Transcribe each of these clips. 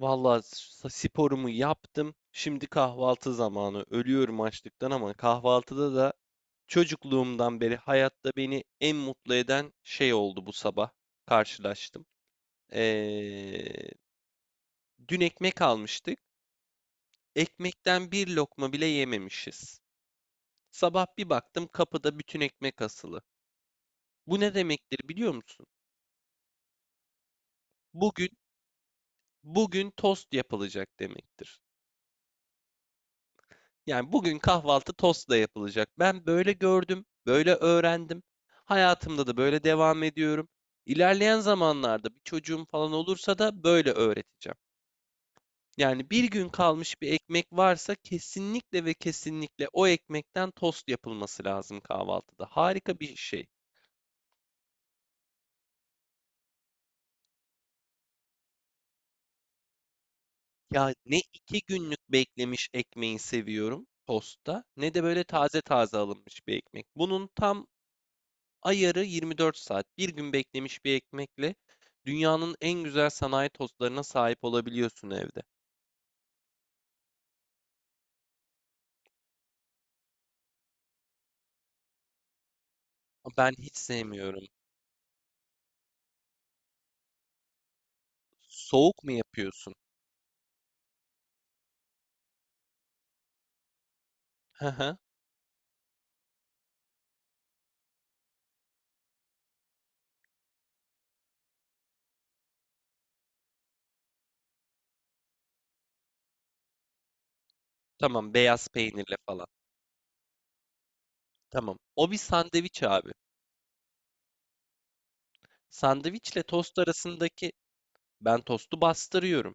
Vallahi sporumu yaptım. Şimdi kahvaltı zamanı. Ölüyorum açlıktan ama kahvaltıda da çocukluğumdan beri hayatta beni en mutlu eden şey oldu bu sabah. Karşılaştım. Ee, Dün ekmek almıştık. Ekmekten bir lokma bile yememişiz. Sabah bir baktım kapıda bütün ekmek asılı. Bu ne demektir biliyor musun? Bugün bugün tost yapılacak demektir. Yani bugün kahvaltı tostla yapılacak. Ben böyle gördüm, böyle öğrendim. Hayatımda da böyle devam ediyorum. İlerleyen zamanlarda bir çocuğum falan olursa da böyle öğreteceğim. Yani bir gün kalmış bir ekmek varsa kesinlikle ve kesinlikle o ekmekten tost yapılması lazım kahvaltıda. Harika bir şey. Ya ne iki günlük beklemiş ekmeği seviyorum tostta ne de böyle taze taze alınmış bir ekmek. Bunun tam ayarı 24 saat. Bir gün beklemiş bir ekmekle dünyanın en güzel sanayi tostlarına sahip olabiliyorsun evde. Ben hiç sevmiyorum. Soğuk mu yapıyorsun? Hı hı. Tamam, beyaz peynirle falan. Tamam. O bir sandviç abi. Sandviçle tost arasındaki ben tostu bastırıyorum.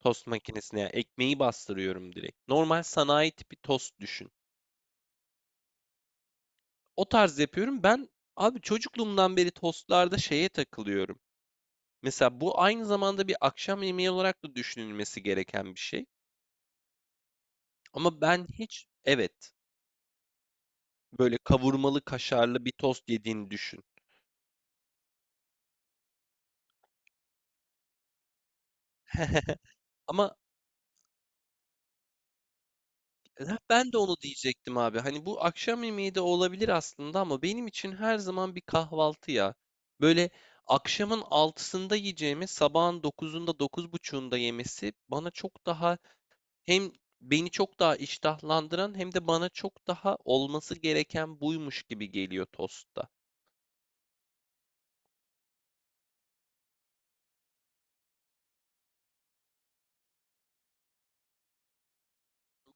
Tost makinesine yani ekmeği bastırıyorum direkt. Normal sanayi tipi tost düşün. O tarz yapıyorum. Ben abi çocukluğumdan beri tostlarda şeye takılıyorum. Mesela bu aynı zamanda bir akşam yemeği olarak da düşünülmesi gereken bir şey. Ama ben hiç. Evet, böyle kavurmalı kaşarlı bir tost yediğini düşün. Ama ben de onu diyecektim abi. Hani bu akşam yemeği de olabilir aslında ama benim için her zaman bir kahvaltı ya. Böyle akşamın altısında yiyeceğimi sabahın dokuzunda 9:30'unda yemesi bana çok daha, hem beni çok daha iştahlandıran hem de bana çok daha olması gereken buymuş gibi geliyor tostta.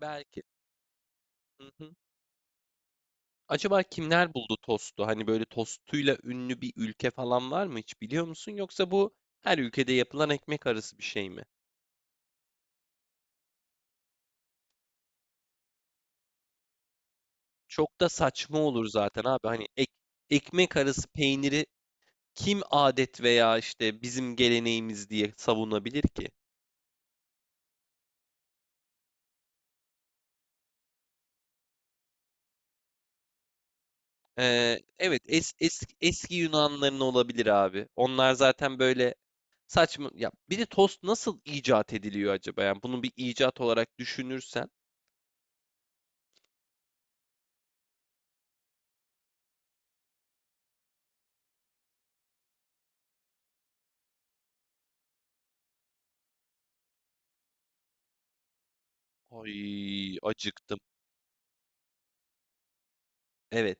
Belki. Hı hı. Acaba kimler buldu tostu? Hani böyle tostuyla ünlü bir ülke falan var mı hiç biliyor musun? Yoksa bu her ülkede yapılan ekmek arası bir şey mi? Çok da saçma olur zaten abi. Hani ekmek arası peyniri kim adet veya işte bizim geleneğimiz diye savunabilir ki? Evet, eski Yunanların olabilir abi. Onlar zaten böyle saçma. Ya bir de tost nasıl icat ediliyor acaba? Yani bunu bir icat olarak düşünürsen. Ay acıktım. Evet.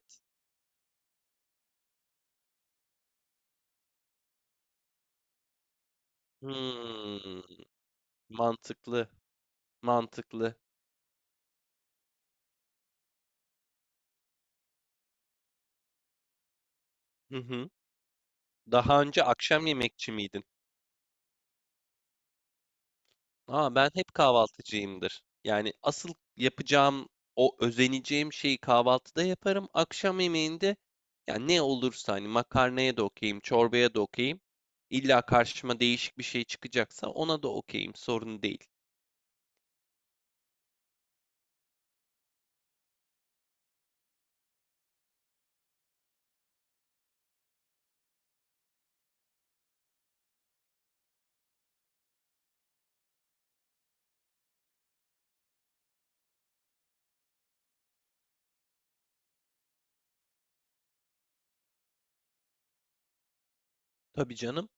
Hmm, mantıklı. Mantıklı. Hı hı. Daha önce akşam yemekçi miydin? Aa, ben hep kahvaltıcıyımdır. Yani asıl yapacağım o özeneceğim şeyi kahvaltıda yaparım. Akşam yemeğinde ya ne olursa hani makarnaya da okeyim, çorbaya da okeyim. İlla karşıma değişik bir şey çıkacaksa ona da okeyim. Sorun değil. Tabii canım.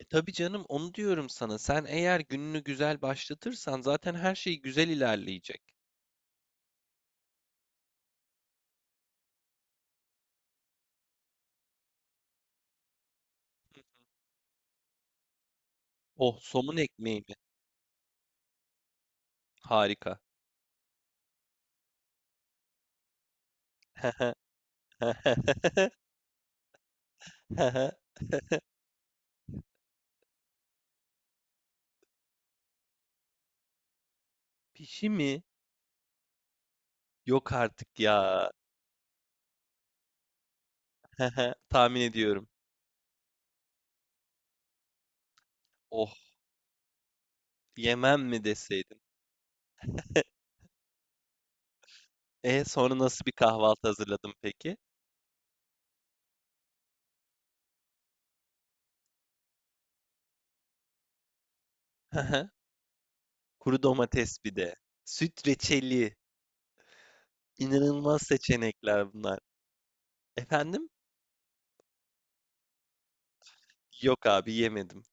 E, tabii canım, onu diyorum sana. Sen eğer gününü güzel başlatırsan zaten her şey güzel ilerleyecek. Oh, somun ekmeği mi? Harika. Pişi mi? Yok artık ya. Tahmin ediyorum. Oh, yemem mi deseydin? E sonra nasıl bir kahvaltı hazırladım peki? Kuru domates bir de. Süt reçeli. İnanılmaz seçenekler bunlar. Efendim? Yok abi yemedim.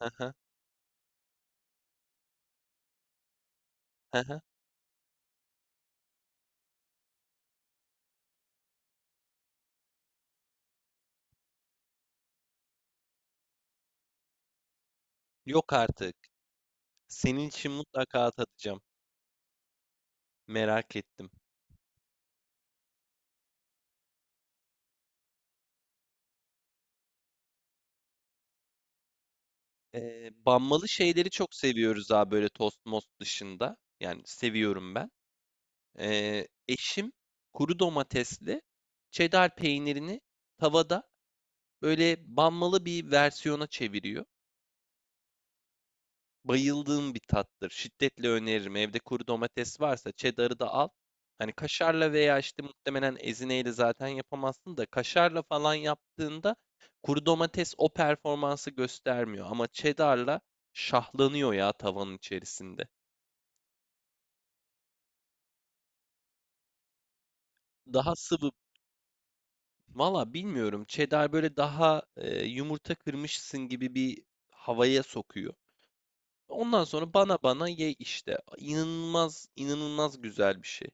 Yok artık. Senin için mutlaka atacağım. Merak ettim. Banmalı şeyleri çok seviyoruz abi böyle tost most dışında. Yani seviyorum ben. Eşim kuru domatesli cheddar peynirini tavada böyle banmalı bir versiyona çeviriyor. Bayıldığım bir tattır. Şiddetle öneririm. Evde kuru domates varsa cheddar'ı da al. Hani kaşarla veya işte muhtemelen ezineyle zaten yapamazsın da kaşarla falan yaptığında kuru domates o performansı göstermiyor ama cheddar'la şahlanıyor ya tavanın içerisinde. Daha sıvı. Valla bilmiyorum. Cheddar böyle daha yumurta kırmışsın gibi bir havaya sokuyor. Ondan sonra bana ye işte. İnanılmaz, inanılmaz güzel bir şey.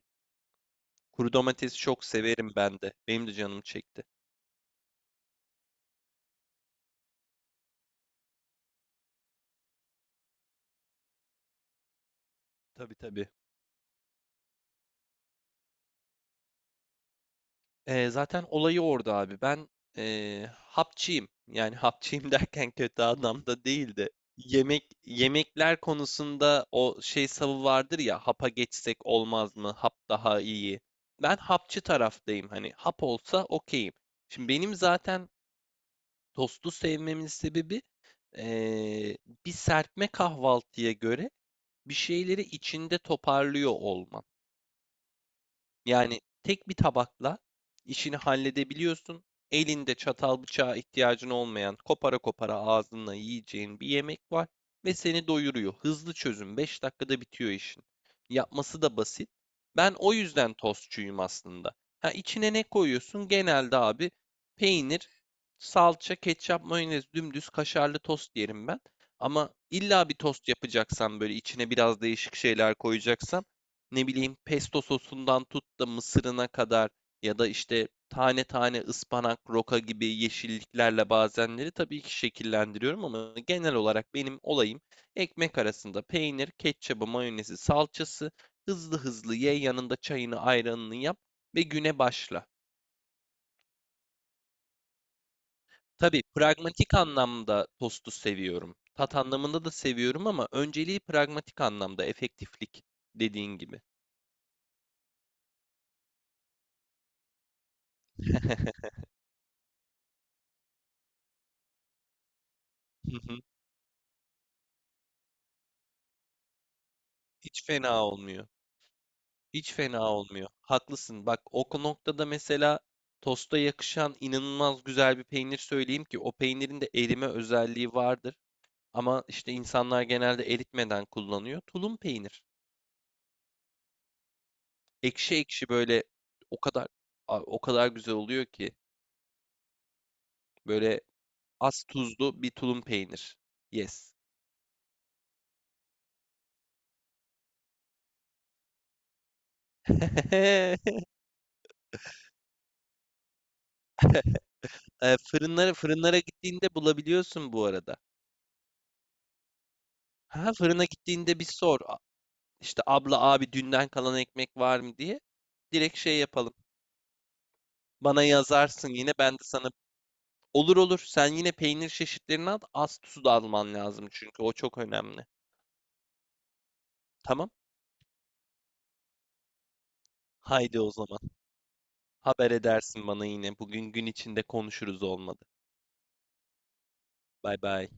Kuru domatesi çok severim ben de. Benim de canım çekti. Tabii tabii. Zaten olayı orada abi. Ben hapçıyım. Yani hapçıyım derken kötü anlamda değil de. Yemek yemekler konusunda o şey savı vardır ya hapa geçsek olmaz mı? Hap daha iyi. Ben hapçı taraftayım. Hani hap olsa okeyim. Şimdi benim zaten tostu sevmemin sebebi ee, bir serpme kahvaltıya göre bir şeyleri içinde toparlıyor olman. Yani tek bir tabakla işini halledebiliyorsun. Elinde çatal bıçağa ihtiyacın olmayan, kopara kopara ağzınla yiyeceğin bir yemek var ve seni doyuruyor. Hızlı çözüm, 5 dakikada bitiyor işin. Yapması da basit. Ben o yüzden tostçuyum aslında. Ha içine ne koyuyorsun? Genelde abi peynir, salça, ketçap, mayonez, dümdüz kaşarlı tost yerim ben. Ama illa bir tost yapacaksan böyle içine biraz değişik şeyler koyacaksan ne bileyim pesto sosundan tut da mısırına kadar ya da işte tane tane ıspanak, roka gibi yeşilliklerle bazenleri tabii ki şekillendiriyorum ama genel olarak benim olayım ekmek arasında peynir, ketçabı, mayonezi, salçası hızlı hızlı ye yanında çayını ayranını yap ve güne başla. Tabii pragmatik anlamda tostu seviyorum. Tat anlamında da seviyorum ama önceliği pragmatik anlamda efektiflik dediğin gibi. Hiç fena olmuyor. Hiç fena olmuyor. Haklısın. Bak o noktada mesela tosta yakışan inanılmaz güzel bir peynir söyleyeyim ki o peynirin de erime özelliği vardır. Ama işte insanlar genelde eritmeden kullanıyor. Tulum peynir. Ekşi ekşi böyle o kadar o kadar güzel oluyor ki böyle az tuzlu bir tulum peynir. Yes. E, fırınlara gittiğinde bulabiliyorsun bu arada. Ha fırına gittiğinde bir sor. İşte abla abi dünden kalan ekmek var mı diye direkt şey yapalım. Bana yazarsın yine ben de sana olur olur sen yine peynir çeşitlerini al, az su da alman lazım çünkü o çok önemli. Tamam? Haydi o zaman. Haber edersin bana yine. Bugün gün içinde konuşuruz olmadı. Bay bay.